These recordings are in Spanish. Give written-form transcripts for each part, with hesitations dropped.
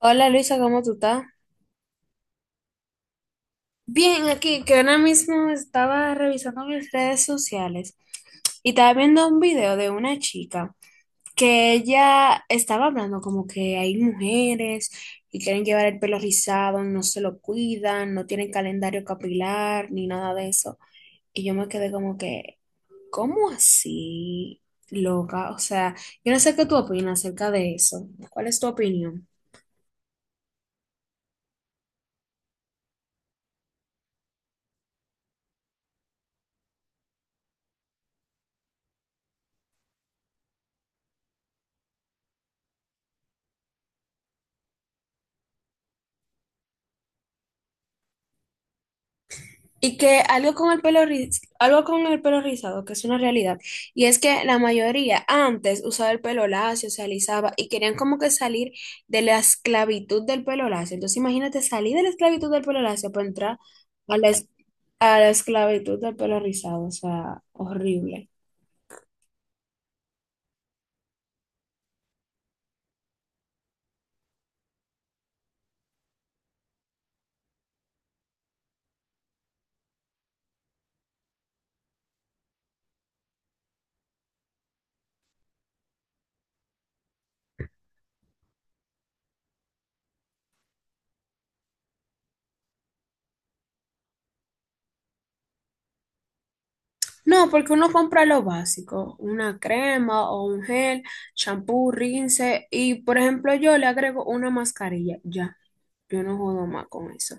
Hola, Luisa, ¿cómo tú estás? Bien, aquí que ahora mismo estaba revisando mis redes sociales y estaba viendo un video de una chica que ella estaba hablando como que hay mujeres y quieren llevar el pelo rizado, no se lo cuidan, no tienen calendario capilar ni nada de eso. Y yo me quedé como que, ¿cómo así, loca? O sea, yo no sé qué tú opinas acerca de eso. ¿Cuál es tu opinión? Y que algo con el algo con el pelo rizado, que es una realidad, y es que la mayoría antes usaba el pelo lacio, se alisaba y querían como que salir de la esclavitud del pelo lacio. Entonces imagínate salir de la esclavitud del pelo lacio para entrar a a la esclavitud del pelo rizado, o sea, horrible. No, porque uno compra lo básico, una crema o un gel, champú, rinse, y por ejemplo yo le agrego una mascarilla, ya, yo no jodo más con eso.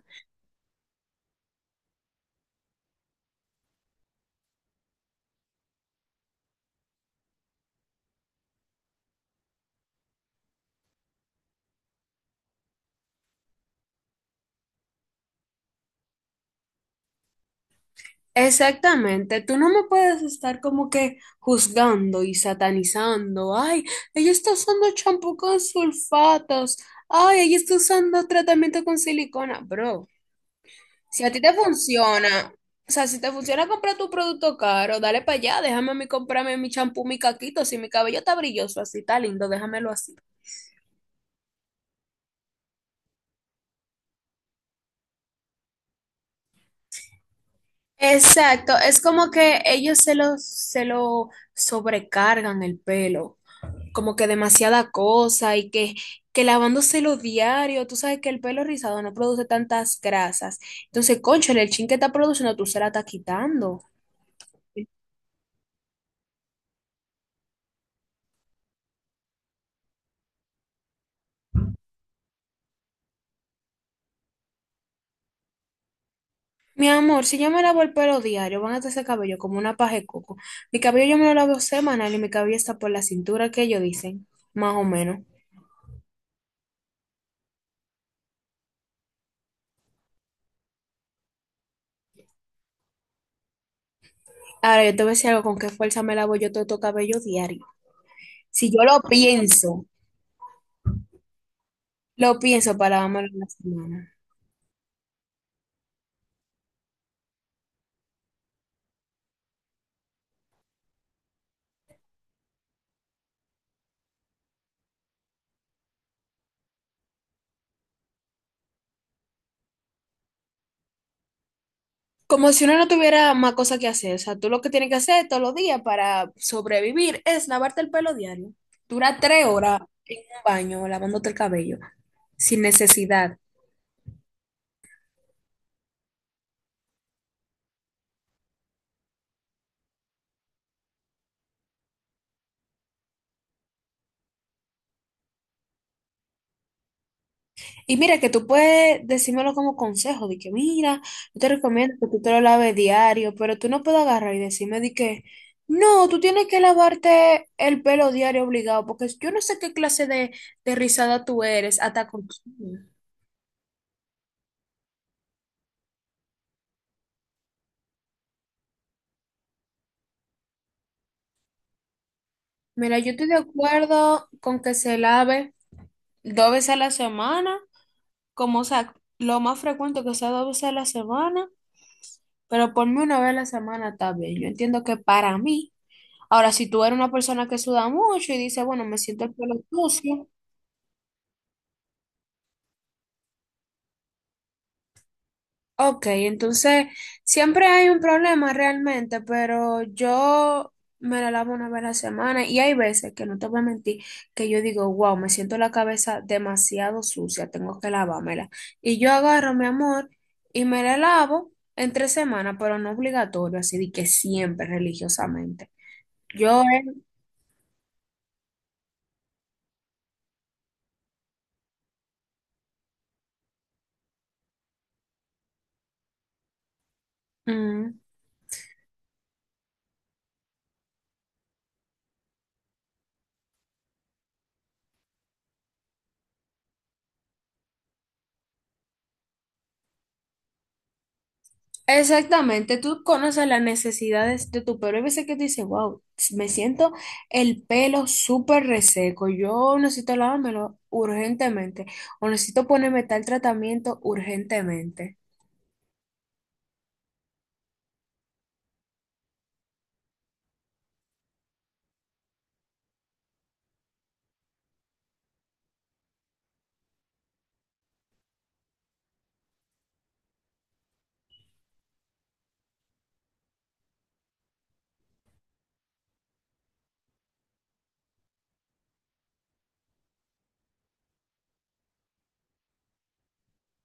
Exactamente, tú no me puedes estar como que juzgando y satanizando. Ay, ella está usando champú con sulfatos. Ay, ella está usando tratamiento con silicona. Bro, si a ti te funciona, o sea, si te funciona comprar tu producto caro, dale para allá, déjame a mí comprarme mi champú, mi caquito. Si mi cabello está brilloso, así está lindo, déjamelo así. Exacto, es como que ellos se lo sobrecargan el pelo. Como que demasiada cosa y que lavándoselo diario, tú sabes que el pelo rizado no produce tantas grasas. Entonces, cónchale, el chin que está produciendo, tú se la estás quitando. Mi amor, si yo me lavo el pelo diario, van a estar ese cabello como una paja de coco. Mi cabello yo me lo lavo semanal y mi cabello está por la cintura que ellos dicen, más o menos. Ahora, yo te voy a decir algo, ¿con qué fuerza me lavo yo todo tu cabello diario? Si yo lo pienso para lavármelo en la semana. Como si uno no tuviera más cosa que hacer. O sea, tú lo que tienes que hacer todos los días para sobrevivir es lavarte el pelo diario. Dura tres horas en un baño lavándote el cabello sin necesidad. Y mira, que tú puedes decírmelo como consejo, de que mira, yo te recomiendo que tú te lo laves diario, pero tú no puedes agarrar y decirme de que no, tú tienes que lavarte el pelo diario obligado, porque yo no sé qué clase de rizada tú eres, hasta con... Mira, yo estoy de acuerdo con que se lave dos veces a la semana, como o sea, lo más frecuente que sea dos veces a la semana, pero por mí una vez a la semana está bien. Yo entiendo que para mí, ahora si tú eres una persona que suda mucho y dice, bueno, me siento el pelo sucio. Ok, entonces siempre hay un problema realmente, pero yo me la lavo una vez a la semana y hay veces que no te voy a mentir que yo digo, wow, me siento la cabeza demasiado sucia, tengo que lavármela. Y yo agarro, mi amor, y me la lavo en tres semanas, pero no obligatorio, así de que siempre religiosamente. Yo, eh, Ujú. Exactamente, tú conoces las necesidades de tu pelo. Hay veces que tú dices, wow, me siento el pelo súper reseco. Yo necesito lavármelo urgentemente o necesito ponerme tal tratamiento urgentemente.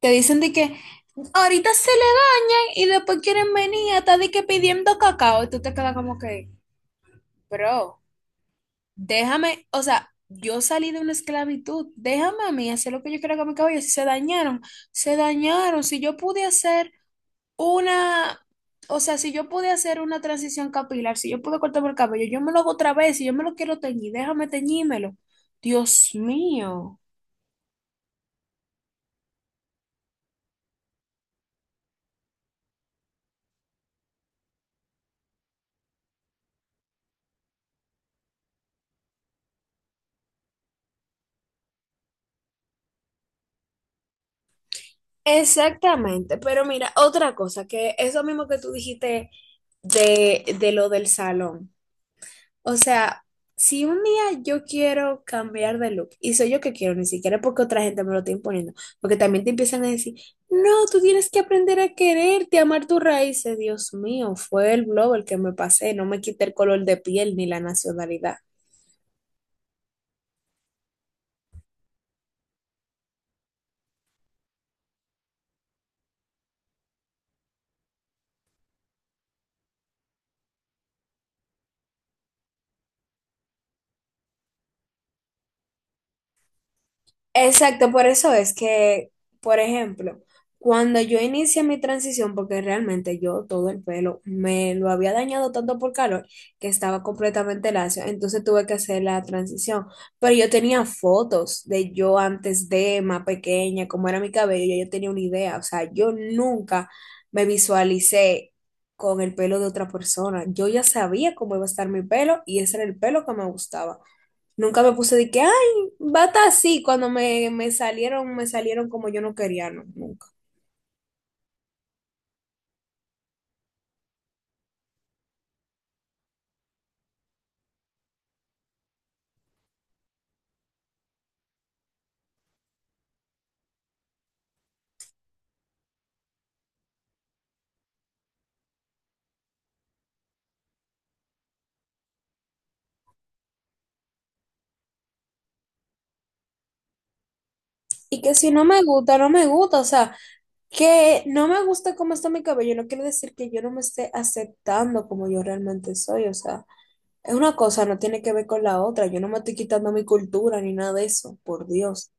Te dicen de que ahorita se le dañan y después quieren venir hasta de que pidiendo cacao. Y tú te quedas como que, bro. Déjame, o sea, yo salí de una esclavitud, déjame a mí hacer lo que yo quiera con mi cabello. Si se dañaron, se dañaron. Si yo pude hacer una, o sea, si yo pude hacer una transición capilar, si yo pude cortarme el cabello, yo me lo hago otra vez. Si yo me lo quiero teñir, déjame teñímelo. Dios mío. Exactamente, pero mira, otra cosa, que eso mismo que tú dijiste de lo del salón. O sea, si un día yo quiero cambiar de look, y soy yo que quiero, ni siquiera porque otra gente me lo está imponiendo, porque también te empiezan a decir, no, tú tienes que aprender a quererte, a amar tus raíces. Dios mío, fue el globo el que me pasé, no me quité el color de piel ni la nacionalidad. Exacto, por eso es que, por ejemplo, cuando yo inicié mi transición, porque realmente yo todo el pelo me lo había dañado tanto por calor que estaba completamente lacio, entonces tuve que hacer la transición. Pero yo tenía fotos de yo antes de más pequeña, cómo era mi cabello, ya yo tenía una idea, o sea, yo nunca me visualicé con el pelo de otra persona. Yo ya sabía cómo iba a estar mi pelo y ese era el pelo que me gustaba. Nunca me puse de que, ay, bata así, cuando me salieron como yo no quería, no, nunca. Y que si no me gusta, no me gusta, o sea, que no me gusta cómo está mi cabello, no quiere decir que yo no me esté aceptando como yo realmente soy, o sea, es una cosa, no tiene que ver con la otra, yo no me estoy quitando mi cultura ni nada de eso, por Dios.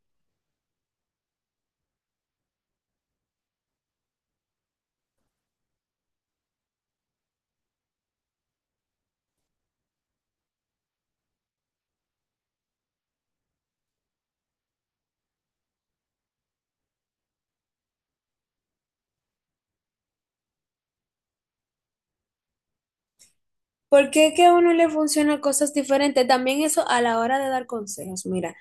¿Por qué que a uno le funcionan cosas diferentes? También eso a la hora de dar consejos. Mira,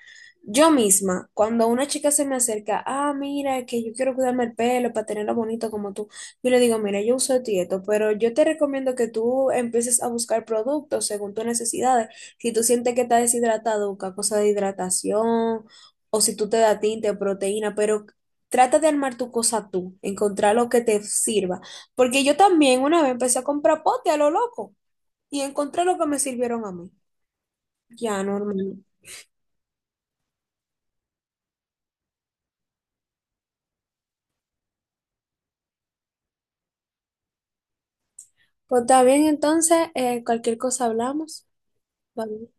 yo misma, cuando una chica se me acerca, ah, mira, que yo quiero cuidarme el pelo para tenerlo bonito como tú, yo le digo, mira, yo uso esto y esto, pero yo te recomiendo que tú empieces a buscar productos según tus necesidades. Si tú sientes que estás deshidratado, busca cosas de hidratación, o si tú te da tinte, proteína, pero trata de armar tu cosa tú, encontrar lo que te sirva. Porque yo también una vez empecé a comprar pote a lo loco y encontré lo que me sirvieron a mí. Ya, normal. Pues está bien, entonces, cualquier cosa hablamos. Bye.